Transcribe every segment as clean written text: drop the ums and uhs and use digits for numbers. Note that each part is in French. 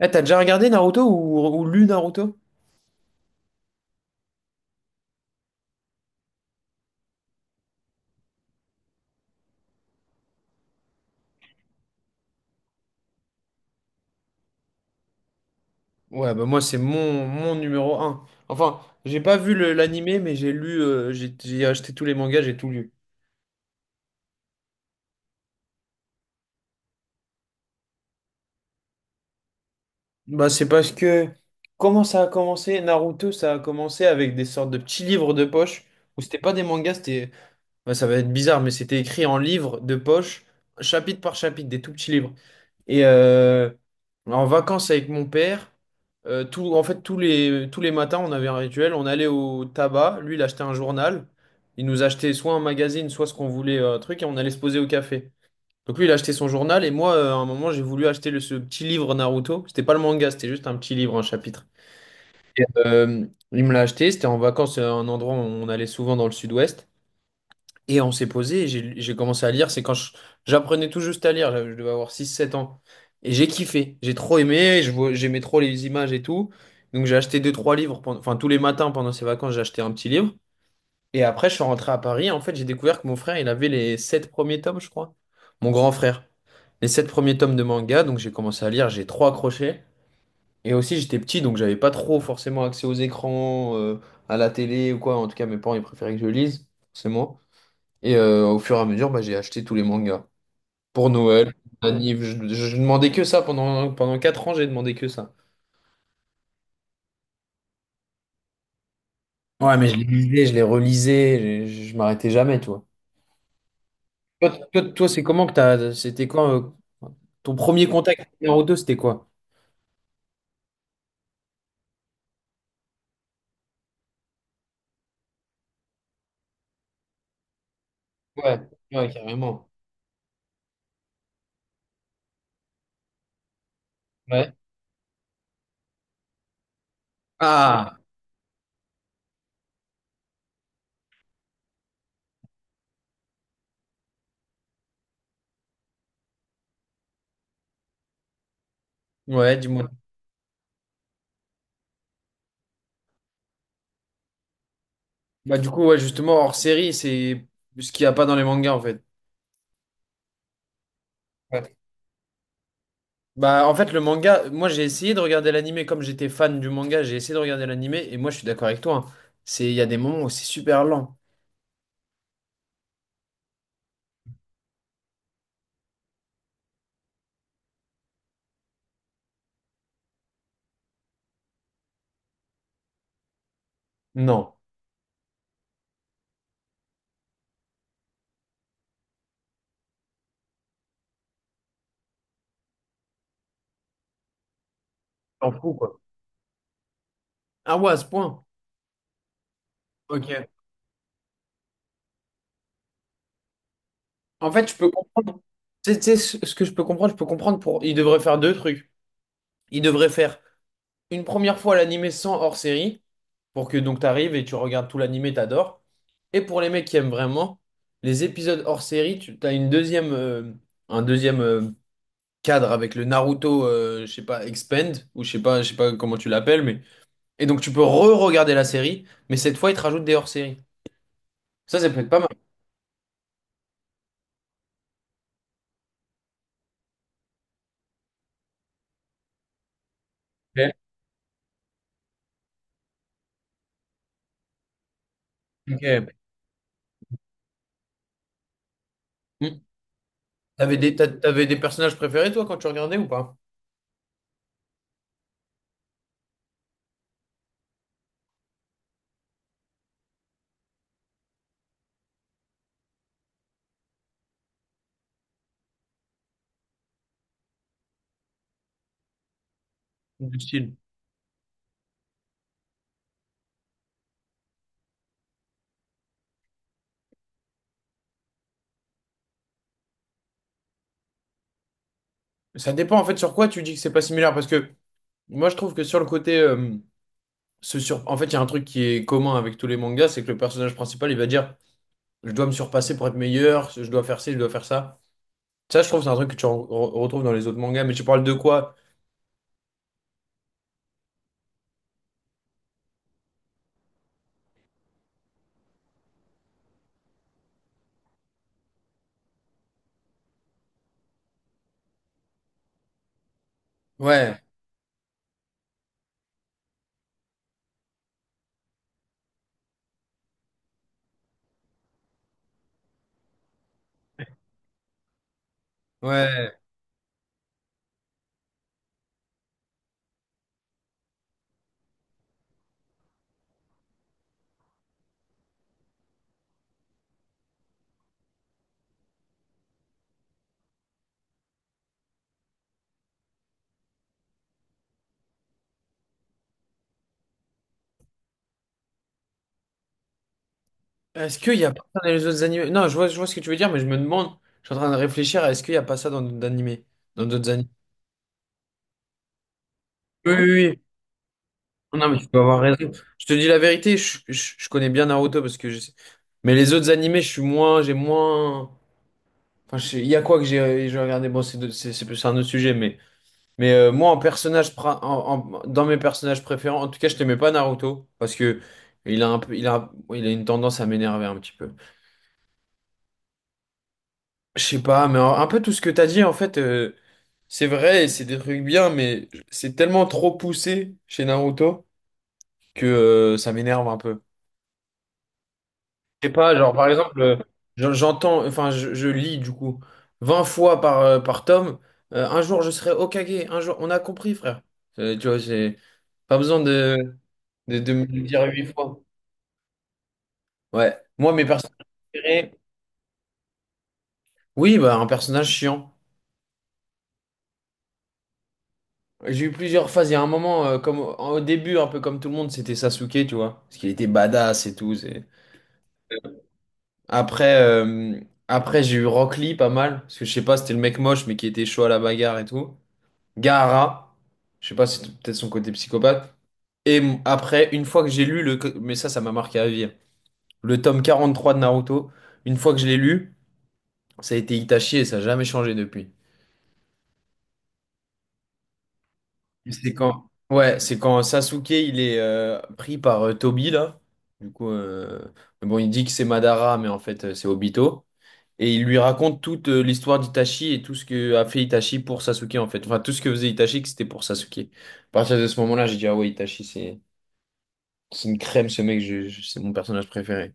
Eh, t'as déjà regardé Naruto ou lu Naruto? Ouais, bah moi c'est mon numéro un. Enfin, j'ai pas vu l'animé, mais j'ai lu, j'ai acheté tous les mangas, j'ai tout lu. Bah c'est parce que comment ça a commencé? Naruto, ça a commencé avec des sortes de petits livres de poche, où c'était pas des mangas, c'était bah, ça va être bizarre, mais c'était écrit en livres de poche, chapitre par chapitre, des tout petits livres. Et en vacances avec mon père, tout, en fait, tous les matins, on avait un rituel. On allait au tabac. Lui, il achetait un journal. Il nous achetait soit un magazine, soit ce qu'on voulait, un truc, et on allait se poser au café. Donc lui, il achetait son journal. Et moi, à un moment, j'ai voulu acheter ce petit livre Naruto. C'était pas le manga, c'était juste un petit livre, un chapitre. Et, il me l'a acheté. C'était en vacances, un endroit où on allait souvent dans le sud-ouest. Et on s'est posé et j'ai commencé à lire. J'apprenais tout juste à lire, je devais avoir 6 7 ans. Et j'ai kiffé, j'ai trop aimé, j'aimais trop les images et tout. Donc j'ai acheté deux trois livres, enfin tous les matins pendant ces vacances, j'ai acheté un petit livre. Et après, je suis rentré à Paris. En fait, j'ai découvert que mon frère, il avait les 7 premiers tomes, je crois. Mon grand frère. Les 7 premiers tomes de manga. Donc j'ai commencé à lire, j'ai trop accroché. Et aussi, j'étais petit, donc j'avais pas trop forcément accès aux écrans, à la télé ou quoi. En tout cas, mes parents, ils préféraient que je lise, forcément. Et au fur et à mesure, bah, j'ai acheté tous les mangas. Pour Noël, anniv, je demandais que ça. Pendant 4 ans, j'ai demandé que ça. Ouais, mais je les lisais, je les relisais, je m'arrêtais jamais, toi. Toi, c'est comment que t'as, c'était quand euh, ton premier contact avec Naruto, c'était quoi? Ouais, ouais, carrément. Ouais. Ah, ouais, dis-moi. Bah, du coup, ouais, justement, hors série, c'est ce qu'il n'y a pas dans les mangas, en fait. Ouais. Bah, en fait, le manga, moi j'ai essayé de regarder l'animé comme j'étais fan du manga, j'ai essayé de regarder l'animé et moi je suis d'accord avec toi, hein. C'est, il y a des moments où c'est super lent. Non. T'en fous, quoi. Ah ouais, à ce point. Ok. En fait, je peux comprendre. Tu sais, ce que je peux comprendre pour. Il devrait faire deux trucs. Il devrait faire une première fois l'animé sans hors série pour que donc t'arrives et tu regardes tout l'animé, t'adores. Et pour les mecs qui aiment vraiment, les épisodes hors série, tu as une deuxième, un deuxième, cadre avec le Naruto, je sais pas, Expand, ou je sais pas comment tu l'appelles, mais. Et donc tu peux re-regarder la série, mais cette fois ils te rajoutent des hors-séries. Ça peut être pas mal. Ok. Mm. T'avais des personnages préférés, toi, quand tu regardais ou pas? Du style. Ça dépend en fait sur quoi tu dis que c'est pas similaire, parce que moi je trouve que sur le côté, en fait, il y a un truc qui est commun avec tous les mangas, c'est que le personnage principal il va dire je dois me surpasser pour être meilleur, je dois faire ci, je dois faire ça. Ça, je trouve, que c'est un truc que tu retrouves dans les autres mangas, mais tu parles de quoi? Ouais, ouais. Est-ce qu'il n'y a pas ça dans les autres animés? Non, je vois ce que tu veux dire, mais je me demande, je suis en train de réfléchir à est-ce qu'il n'y a pas ça dans d'autres dans d'autres animés. Oui, oui, oui. Non, mais tu peux avoir raison. Je te dis la vérité, je connais bien Naruto parce que je sais. Mais les autres animés, je suis moins, j'ai moins. Enfin, il y a quoi que j'ai regardé? Bon, c'est plus un autre sujet, mais moi, en personnage, dans mes personnages préférés, en tout cas, je t'aimais pas Naruto parce que il a un peu, il a une tendance à m'énerver un petit peu. Je sais pas, mais un peu tout ce que t'as dit, en fait. Euh, c'est vrai, c'est des trucs bien, mais c'est tellement trop poussé chez Naruto que ça m'énerve un peu. Je sais pas, genre par exemple, j'entends, enfin je lis du coup 20 fois par, par tome, un jour je serai Hokage, un jour on a compris frère. Tu vois, c'est pas besoin de, de me le dire 8 fois. Ouais, moi mes personnages préférés, oui, bah un personnage chiant. J'ai eu plusieurs phases, il y a un moment, comme au début, un peu comme tout le monde, c'était Sasuke, tu vois, parce qu'il était badass et tout. C'est... après, après j'ai eu Rock Lee pas mal, parce que je sais pas, c'était le mec moche, mais qui était chaud à la bagarre et tout. Gaara, je sais pas, si c'est peut-être son côté psychopathe. Et après, une fois que j'ai lu mais ça m'a marqué à vie, hein, le tome 43 de Naruto, une fois que je l'ai lu, ça a été Itachi et ça n'a jamais changé depuis. Et c'est quand, ouais, c'est quand Sasuke, il est pris par Tobi, là. Du coup, mais bon, il dit que c'est Madara, mais en fait, c'est Obito. Et il lui raconte toute l'histoire d'Itachi et tout ce que a fait Itachi pour Sasuke en fait. Enfin, tout ce que faisait Itachi, que c'était pour Sasuke. À partir de ce moment-là, j'ai dit, ah ouais, Itachi, c'est une crème, ce mec, c'est mon personnage préféré.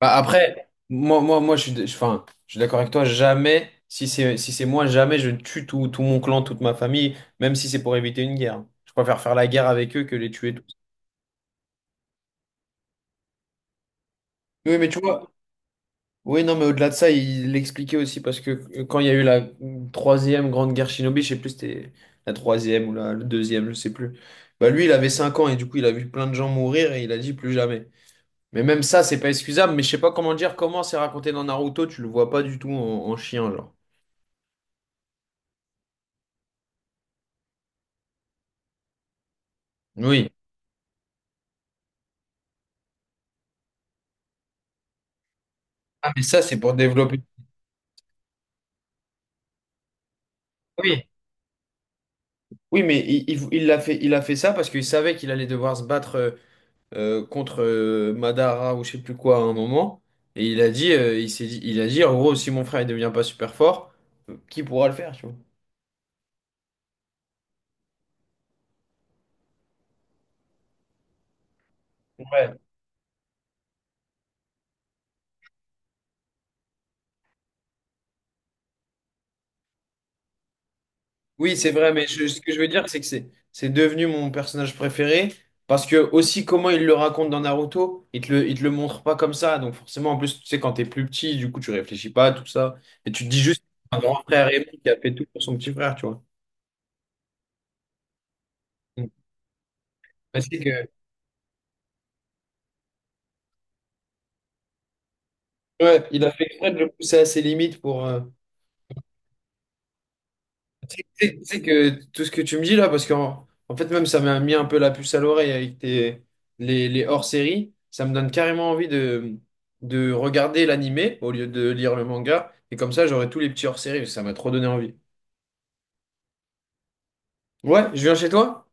Bah, après, moi, je suis, enfin, je suis d'accord avec toi, jamais, si c'est moi, jamais je tue tout mon clan, toute ma famille, même si c'est pour éviter une guerre. Je préfère faire la guerre avec eux que les tuer tous. Oui, mais tu vois, oui, non, mais au-delà de ça, il l'expliquait aussi parce que quand il y a eu la troisième grande guerre shinobi, je sais plus, c'était la troisième ou la deuxième, je sais plus. Bah lui, il avait 5 ans et du coup, il a vu plein de gens mourir et il a dit plus jamais. Mais même ça, c'est pas excusable, mais je sais pas comment dire, comment c'est raconté dans Naruto, tu le vois pas du tout en, en chien, genre. Oui. Ah, mais ça, c'est pour développer. Oui. Oui, mais il l'a fait, il a fait ça parce qu'il savait qu'il allait devoir se battre, contre Madara ou je sais plus quoi à un moment. Et il a dit, il s'est dit, il a dit, en gros, si mon frère il devient pas super fort, qui pourra le faire, tu vois? Ouais. Oui, c'est vrai, mais ce que je veux dire, c'est que c'est devenu mon personnage préféré. Parce que aussi comment il le raconte dans Naruto, il te le montre pas comme ça. Donc forcément, en plus, tu sais, quand t'es plus petit, du coup, tu réfléchis pas à tout ça. Et tu te dis juste un grand frère aimé qui a fait tout pour son petit frère, tu vois. Mm. Parce que ouais, il a fait exprès de le pousser à ses limites pour, tu sais tu sais que tout ce que tu me dis là, parce qu'en en fait, même ça m'a mis un peu la puce à l'oreille avec tes, les hors-séries, ça me donne carrément envie de regarder l'animé au lieu de lire le manga. Et comme ça, j'aurai tous les petits hors-séries, ça m'a trop donné envie. Ouais, je viens chez toi?